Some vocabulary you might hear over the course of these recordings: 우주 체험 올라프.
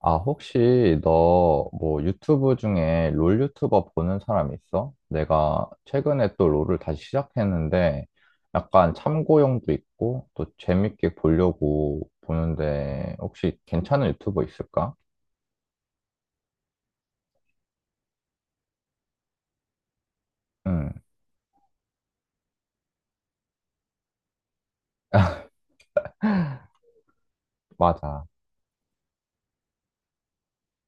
아, 혹시 너 뭐 유튜브 중에 롤 유튜버 보는 사람 있어? 내가 최근에 또 롤을 다시 시작했는데 약간 참고용도 있고 또 재밌게 보려고 보는데 혹시 괜찮은 유튜버 있을까? 응, 맞아.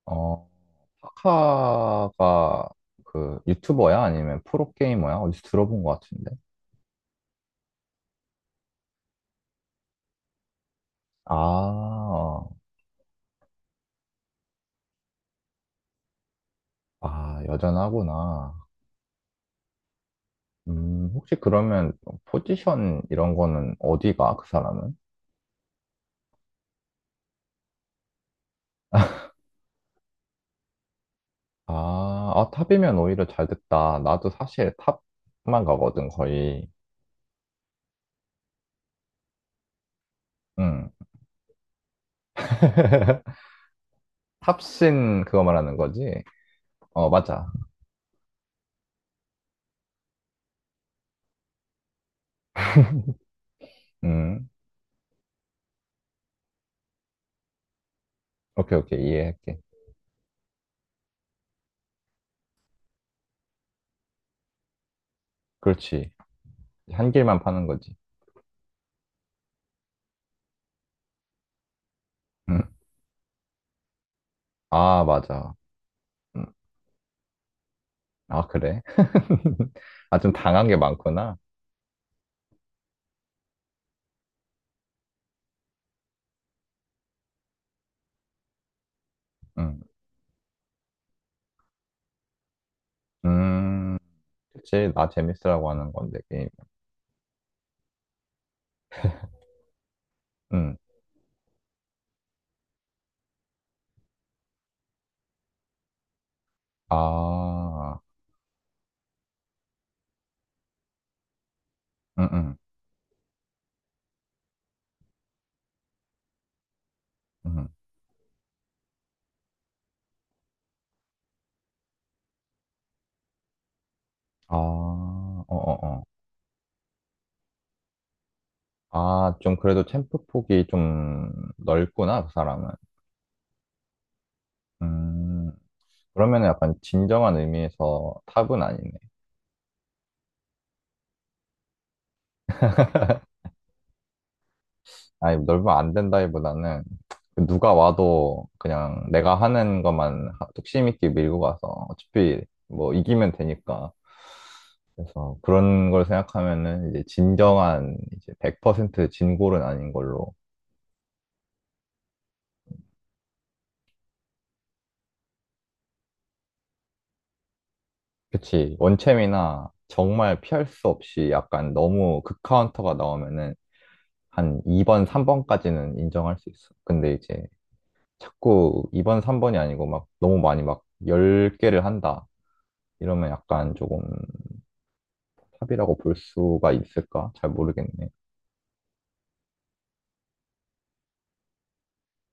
어, 하카가 그 유튜버야? 아니면 프로게이머야? 어디서 들어본 것 같은데? 아, 아, 여전하구나. 혹시 그러면 포지션 이런 거는 어디가, 그 사람은? 아, 아, 탑이면 오히려 잘 됐다. 나도 사실 탑만 가거든, 거의. 응. 탑신 그거 말하는 거지? 어, 맞아. 음, 오케이, 오케이. 이해할게. 그렇지. 한 길만 파는 거지. 음. 아, 맞아. 음. 아, 그래? 아, 좀 당한 게 많구나. 음. 음. 그치. 나 재밌으라고 하는 건데, 게임. 음. 아, 응, 응. 응. 아, 어어어. 아, 좀 그래도 챔프 폭이 좀 넓구나, 그 사람은. 음, 그러면은 약간 진정한 의미에서 탑은 아니네. 아니, 넓으면 안 된다기보다는 그 누가 와도 그냥 내가 하는 것만 뚝심 있게 밀고 가서 어차피 뭐 이기면 되니까. 그래서 그런 걸 생각하면은 이제 진정한 이제 100% 진골은 아닌 걸로. 그치. 원챔이나 정말 피할 수 없이 약간 너무 극카운터가 나오면은 한 2번, 3번까지는 인정할 수 있어. 근데 이제 자꾸 2번, 3번이 아니고 막 너무 많이 막 10개를 한다. 이러면 약간 조금 탑이라고 볼 수가 있을까? 잘 모르겠네.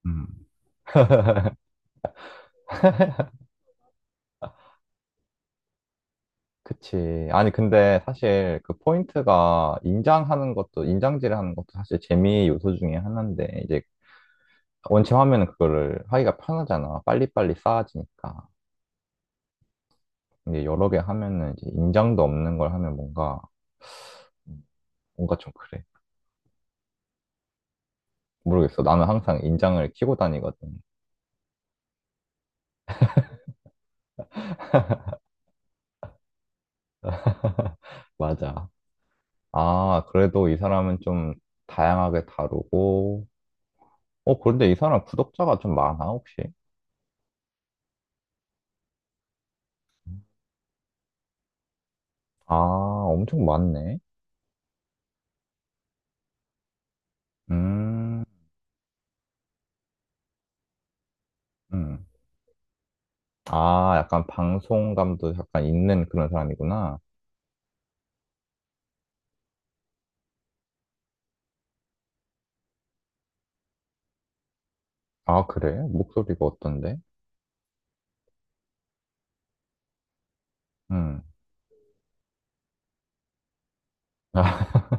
음. 그치. 아니, 근데 사실 그 포인트가 인장하는 것도, 인장질을 하는 것도 사실 재미의 요소 중에 하나인데, 이제 원체 하면은 그거를 하기가 편하잖아. 빨리빨리 쌓아지니까. 근데 여러 개 하면은 이제 인장도 없는 걸 하면 뭔가, 뭔가 좀 그래. 모르겠어. 나는 항상 인장을 키고 다니거든. 맞아. 아, 그래도 이 사람은 좀 다양하게 다루고, 어, 그런데 이 사람 구독자가 좀 많아, 혹시? 아, 엄청 많네. 음, 음. 아, 약간 방송감도 약간 있는 그런 사람이구나. 아, 그래? 목소리가 어떤데? 음.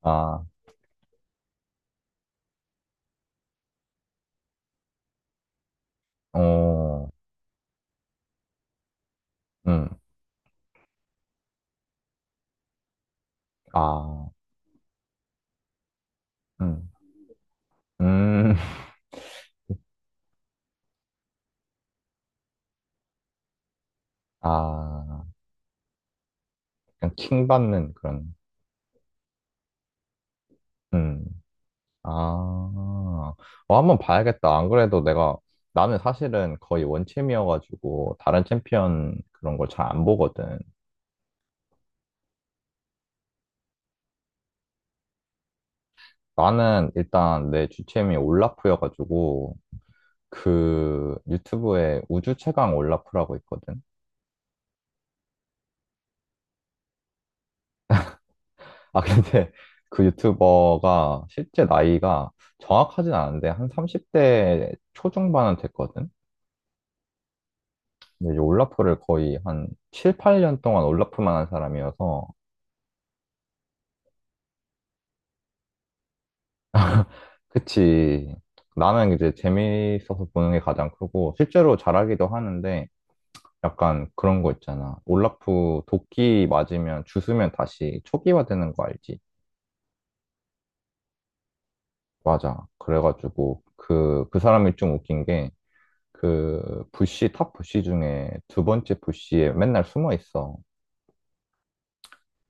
아, 어, 음. 아, 음. 음. 아, 약간 킹받는 그런, 음. 아, 어, 한번 봐야겠다. 안 그래도 내가, 나는 사실은 거의 원챔이어가지고, 다른 챔피언 그런 걸 잘 안 보거든. 나는 일단 내 주챔이 올라프여가지고, 그 유튜브에 우주 최강 올라프라고 있거든. 아, 근데 그 유튜버가 실제 나이가 정확하진 않은데, 한 30대 초중반은 됐거든. 근데 이제 올라프를 거의 한 7, 8년 동안 올라프만 한 사람이어서, 그치. 나는 이제 재미있어서 보는 게 가장 크고, 실제로 잘하기도 하는데, 약간 그런 거 있잖아. 올라프 도끼 맞으면, 주스면 다시 초기화되는 거 알지? 맞아. 그래가지고, 그 사람이 좀 웃긴 게, 부시, 탑 부시 중에 두 번째 부시에 맨날 숨어 있어.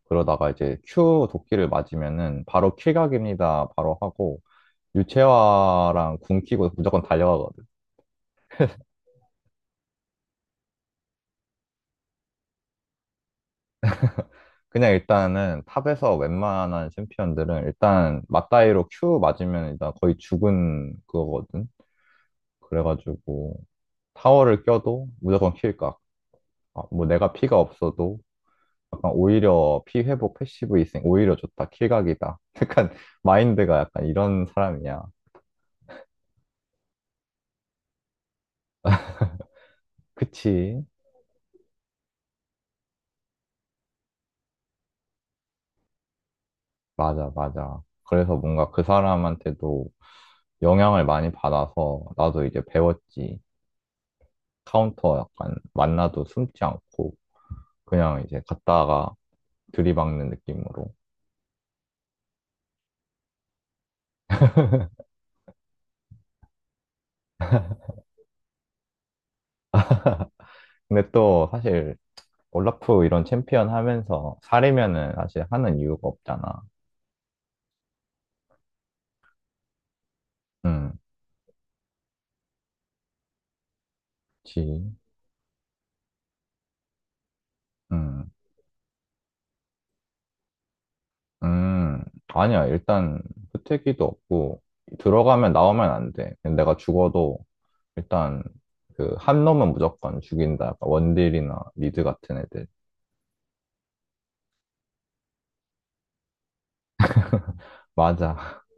그러다가 이제 Q 도끼를 맞으면은, 바로 킬각입니다. 바로 하고, 유채화랑 궁 키고 무조건 달려가거든. 그냥 일단은 탑에서 웬만한 챔피언들은 일단 맞다이로 Q 맞으면 일단 거의 죽은 그거거든. 그래가지고 타워를 껴도 무조건 킬각. 아, 뭐 내가 피가 없어도 약간 오히려 피 회복 패시브 있으니 오히려 좋다. 킬각이다. 약간 마인드가 약간 이런 사람이야. 그치? 맞아, 맞아. 그래서 뭔가 그 사람한테도 영향을 많이 받아서 나도 이제 배웠지. 카운터 약간 만나도 숨지 않고. 그냥 이제 갔다가 들이박는 느낌으로. 근데 또 사실 올라프 이런 챔피언 하면서 사리면은 사실 하는 이유가 없잖아. 음, 지, 음, 음. 아니야. 일단 후퇴기도 없고 들어가면 나오면 안 돼. 내가 죽어도 일단 그 한 놈은 무조건 죽인다. 약간 원딜이나 미드 같은 애들. 맞아,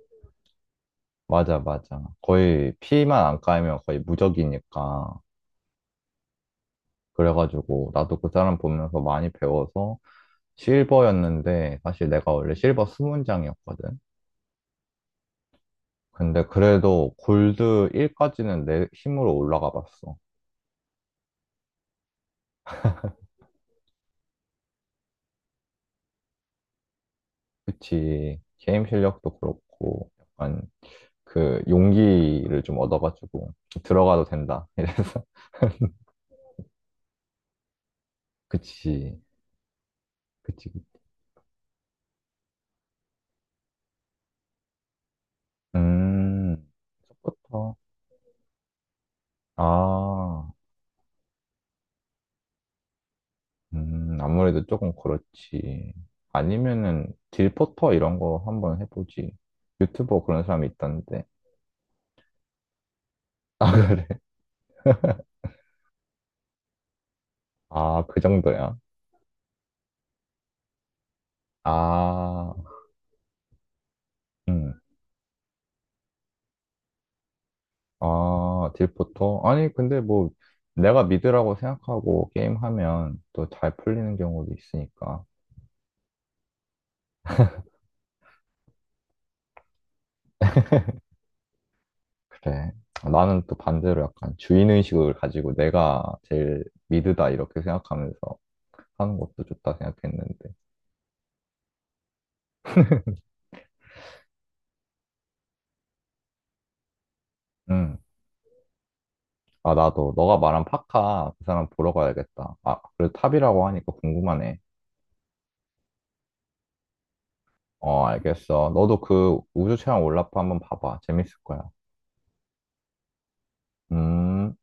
맞아, 맞아. 거의 피만 안 까이면 거의 무적이니까. 그래가지고 나도 그 사람 보면서 많이 배워서 실버였는데 사실 내가 원래 실버 수문장이었거든. 근데 그래도 골드 1까지는 내 힘으로 올라가 봤어. 그치. 게임 실력도 그렇고 약간 그 용기를 좀 얻어가지고 들어가도 된다. 이래서 그치. 그치. 음. 첫부터. 아. 아무래도 조금 그렇지. 아니면은 딜포터 이런 거 한번 해보지. 유튜버 그런 사람이 있던데. 아, 그래? 아, 그 정도야? 아, 음. 아, 딜포터? 아니, 근데 뭐 내가 미드라고 생각하고 게임하면 또 잘 풀리는 경우도 있으니까. 그래. 나는 또 반대로 약간 주인의식을 가지고 내가 제일 미드다 이렇게 생각하면서 하는 것도 좋다 생각했는데. 음. 아, 나도. 너가 말한 파카, 그 사람 보러 가야겠다. 아, 그래 탑이라고 하니까 궁금하네. 어, 알겠어. 너도 그 우주 체험 올라프 한번 봐봐. 재밌을 거야. 음.